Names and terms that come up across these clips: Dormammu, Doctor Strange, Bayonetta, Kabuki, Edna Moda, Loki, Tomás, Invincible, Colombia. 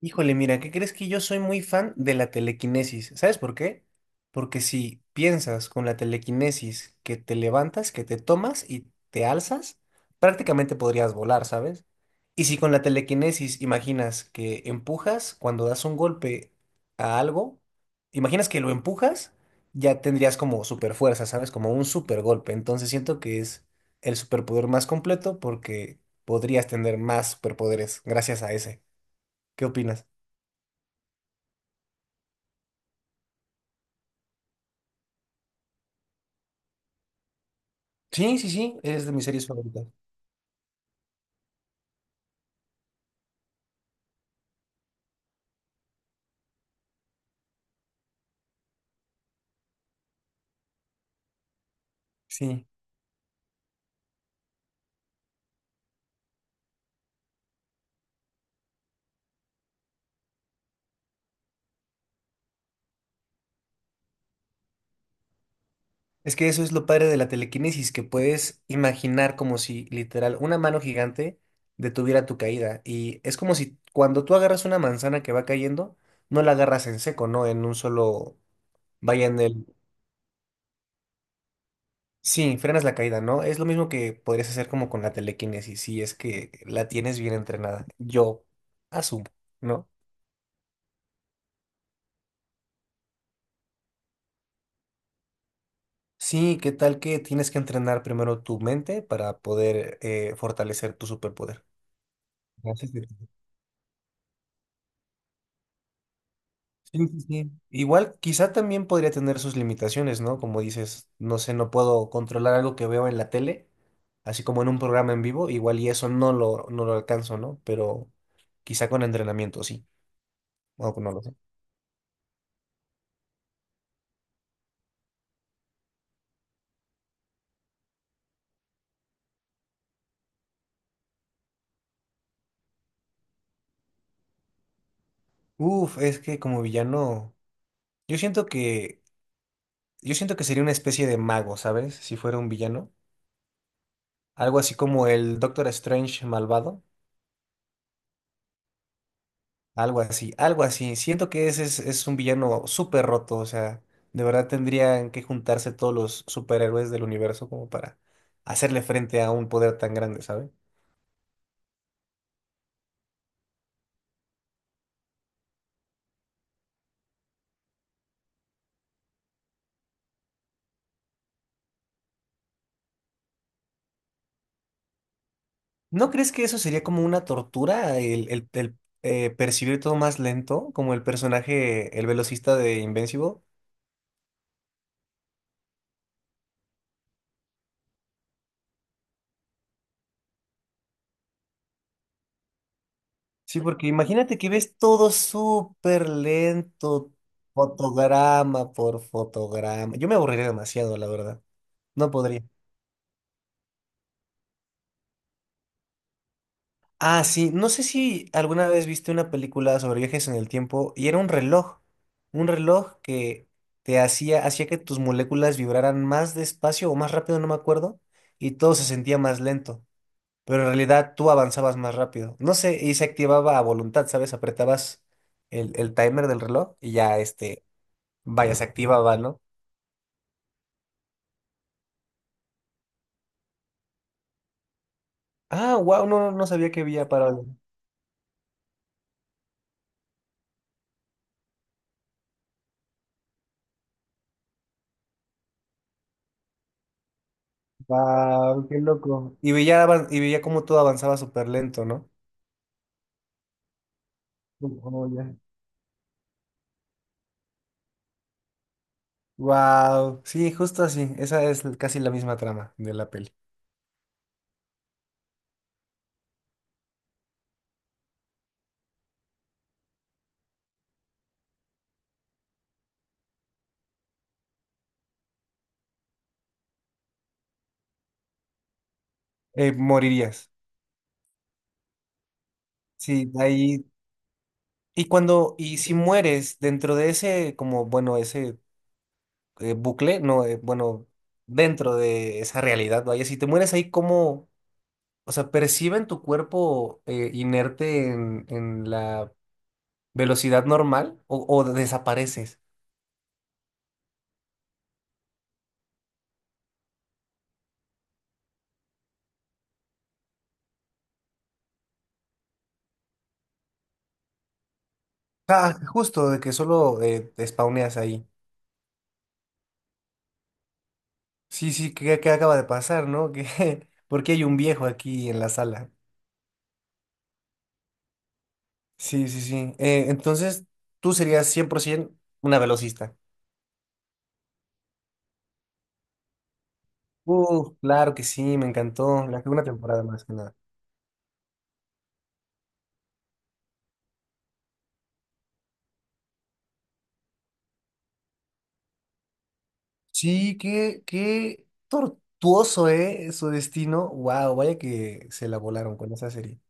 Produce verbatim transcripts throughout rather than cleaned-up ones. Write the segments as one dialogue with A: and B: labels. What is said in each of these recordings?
A: Híjole, mira, ¿qué crees que yo soy muy fan de la telequinesis? ¿Sabes por qué? Porque si piensas con la telequinesis que te levantas, que te tomas y te alzas, prácticamente podrías volar, ¿sabes? Y si con la telequinesis imaginas que empujas cuando das un golpe a algo, imaginas que lo empujas, ya tendrías como super fuerza, ¿sabes? Como un super golpe. Entonces siento que es el superpoder más completo porque podrías tener más superpoderes gracias a ese. ¿Qué opinas? Sí, sí, sí, es de mis series favoritas. Sí. Es que eso es lo padre de la telequinesis, que puedes imaginar como si literal una mano gigante detuviera tu caída. Y es como si cuando tú agarras una manzana que va cayendo, no la agarras en seco, ¿no? En un solo… Vaya en el… Sí, frenas la caída, ¿no? Es lo mismo que podrías hacer como con la telequinesis, si es que la tienes bien entrenada. Yo asumo, ¿no? Sí, ¿qué tal que tienes que entrenar primero tu mente para poder eh, fortalecer tu superpoder? No sé si- Sí, sí, sí. Igual, quizá también podría tener sus limitaciones, ¿no? Como dices, no sé, no puedo controlar algo que veo en la tele, así como en un programa en vivo, igual y eso no lo, no lo alcanzo, ¿no? Pero quizá con entrenamiento, sí. O no lo sé. Uf, es que como villano, yo siento que, yo siento que sería una especie de mago, ¿sabes? Si fuera un villano. Algo así como el Doctor Strange malvado. Algo así, algo así. Siento que ese es, es un villano súper roto, o sea, de verdad tendrían que juntarse todos los superhéroes del universo como para hacerle frente a un poder tan grande, ¿sabes? ¿No crees que eso sería como una tortura, el, el- el, eh, percibir todo más lento, como el personaje, el velocista de Invincible? Sí, porque imagínate que ves todo súper lento, fotograma por fotograma. Yo me aburriría demasiado, la verdad. No podría. Ah, sí, no sé si alguna vez viste una película sobre viajes en el tiempo y era un reloj, un reloj que te hacía, hacía que tus moléculas vibraran más despacio o más rápido, no me acuerdo, y todo se sentía más lento, pero en realidad tú avanzabas más rápido, no sé, y se activaba a voluntad, ¿sabes? Apretabas el, el timer del reloj y ya este, vaya, se activaba, ¿no? Ah, wow, no, no sabía que había parado. Wow, qué loco. Y veía, avan- y veía cómo todo avanzaba súper lento, ¿no? Oh, ya. Wow, sí, justo así. Esa es casi la misma trama de la peli. Eh, morirías. Sí, ahí. Y cuando, y si mueres dentro de ese, como, bueno, ese eh, bucle, no, eh, bueno, dentro de esa realidad, vaya, si te mueres ahí, ¿cómo? O sea, ¿perciben tu cuerpo eh, inerte en, en la velocidad normal o, o desapareces? Ah, justo, de que solo eh, te spawneas ahí. Sí, sí, ¿qué, qué acaba de pasar, no? ¿Qué, por qué hay un viejo aquí en la sala? Sí, sí, sí. Eh, entonces, tú serías cien por ciento una velocista. Uh, claro que sí, me encantó. La que una temporada más que nada. Sí, qué, qué tortuoso, ¿eh? Su destino. Wow, vaya que se la volaron con esa serie.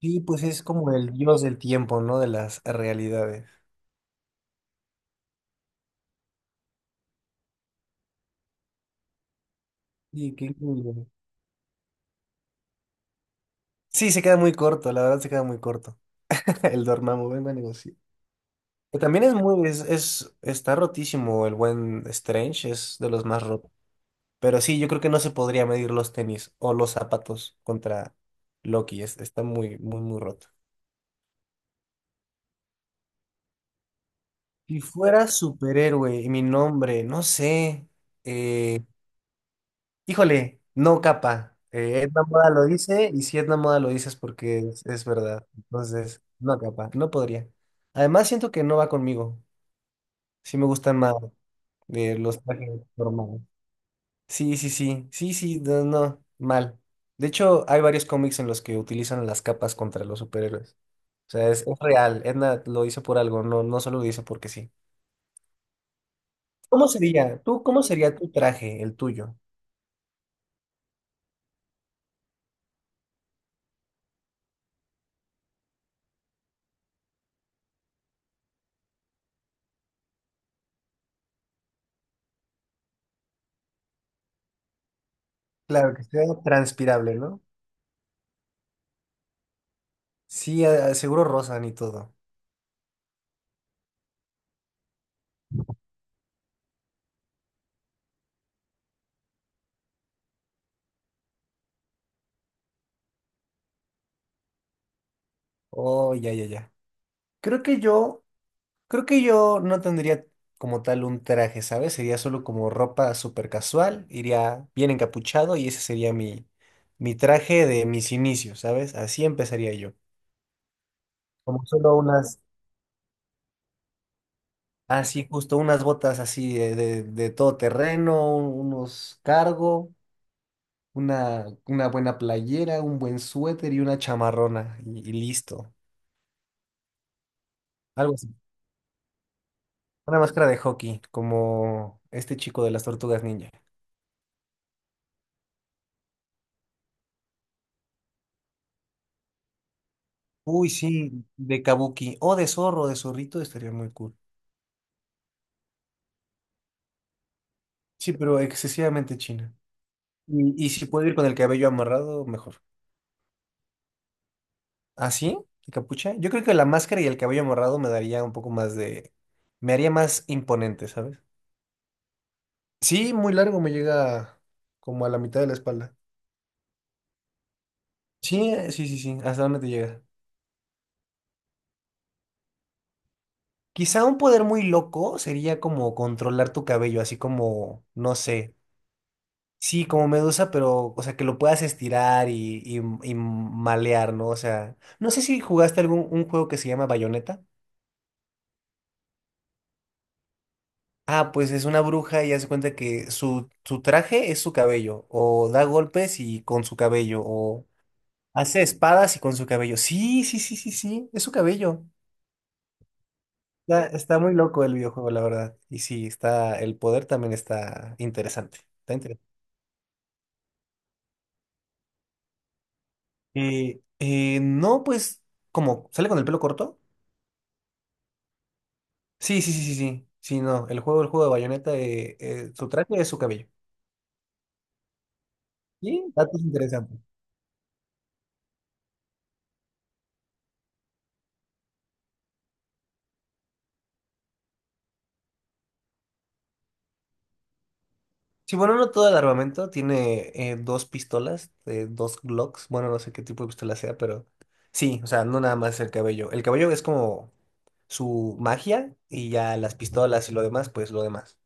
A: Sí, pues es como el dios del tiempo, ¿no? De las realidades. Sí, qué increíble. Sí, se queda muy corto, la verdad se queda muy corto. El Dormammu, vengo a negociar. Que también es muy, es, es- está rotísimo el buen Strange, es de los más rotos. Pero sí, yo creo que no se podría medir los tenis o los zapatos contra Loki, es- está muy, muy, muy roto. Si fuera superhéroe y mi nombre, no sé, eh, híjole, no capa. Eh, Edna Moda lo dice y si Edna Moda lo dice es porque es, es verdad. Entonces, no capa, no podría. Además, siento que no va conmigo. Sí me gustan más de los trajes normales. Sí, sí, sí, sí, sí, no, no, mal. De hecho, hay varios cómics en los que utilizan las capas contra los superhéroes. O sea, es, es real, Edna lo hizo por algo, no, no solo lo hizo porque sí. ¿Cómo sería? ¿Tú, cómo sería tu traje, el tuyo? Claro, que sea transpirable, ¿no? Sí, a- a- seguro rozan y todo. Oh, ya, ya, ya. Creo que yo Creo que yo no tendría como tal un traje, ¿sabes? Sería solo como ropa súper casual, iría bien encapuchado y ese sería mi, mi traje de mis inicios, ¿sabes? Así empezaría yo. Como solo unas, así justo, unas botas así de, de, de todo terreno, unos cargo, una, una buena playera, un buen suéter y una chamarrona y, y listo. Algo así. Una máscara de hockey, como este chico de las tortugas ninja. Uy, sí, de Kabuki o de zorro, de zorrito, estaría muy cool. Sí, pero excesivamente china. Y, y si puedo ir con el cabello amarrado, mejor. ¿Ah, sí? ¿Y capucha? Yo creo que la máscara y el cabello amarrado me daría un poco más de… Me haría más imponente, ¿sabes? Sí, muy largo, me llega como a la mitad de la espalda. Sí, eh, sí, sí, sí, ¿hasta dónde te llega? Quizá un poder muy loco sería como controlar tu cabello, así como, no sé, Sí, como medusa, pero, o sea, que lo puedas estirar y, y, y malear, ¿no? O sea, no sé si jugaste algún un juego que se llama Bayonetta. Ah, pues es una bruja y hace cuenta que su, su traje es su cabello, o da golpes y con su cabello, o hace espadas y con su cabello. Sí, sí, sí, sí, sí, es su cabello. Está, está muy loco el videojuego, la verdad. Y sí, está, el poder también está interesante. Está interesante. Eh, eh, no, pues, como, ¿sale con el pelo corto? Sí, sí, sí, sí, sí. Sí, no. El juego, el juego de Bayonetta, eh, eh, su traje es su cabello. Sí, datos interesantes. Sí, bueno, no todo el armamento. Tiene eh, dos pistolas, eh, dos Glocks. Bueno, no sé qué tipo de pistola sea, pero sí, o sea, no nada más el cabello. El cabello es como su magia y ya las pistolas y lo demás, pues lo demás.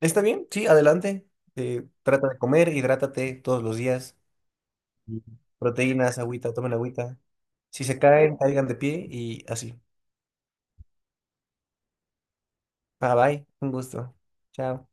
A: ¿Está bien? Sí, adelante. Eh, trata de comer, hidrátate todos los días. Proteínas, agüita, tomen agüita. Si se caen, caigan de pie y así. Bye bye, un gusto. Chao.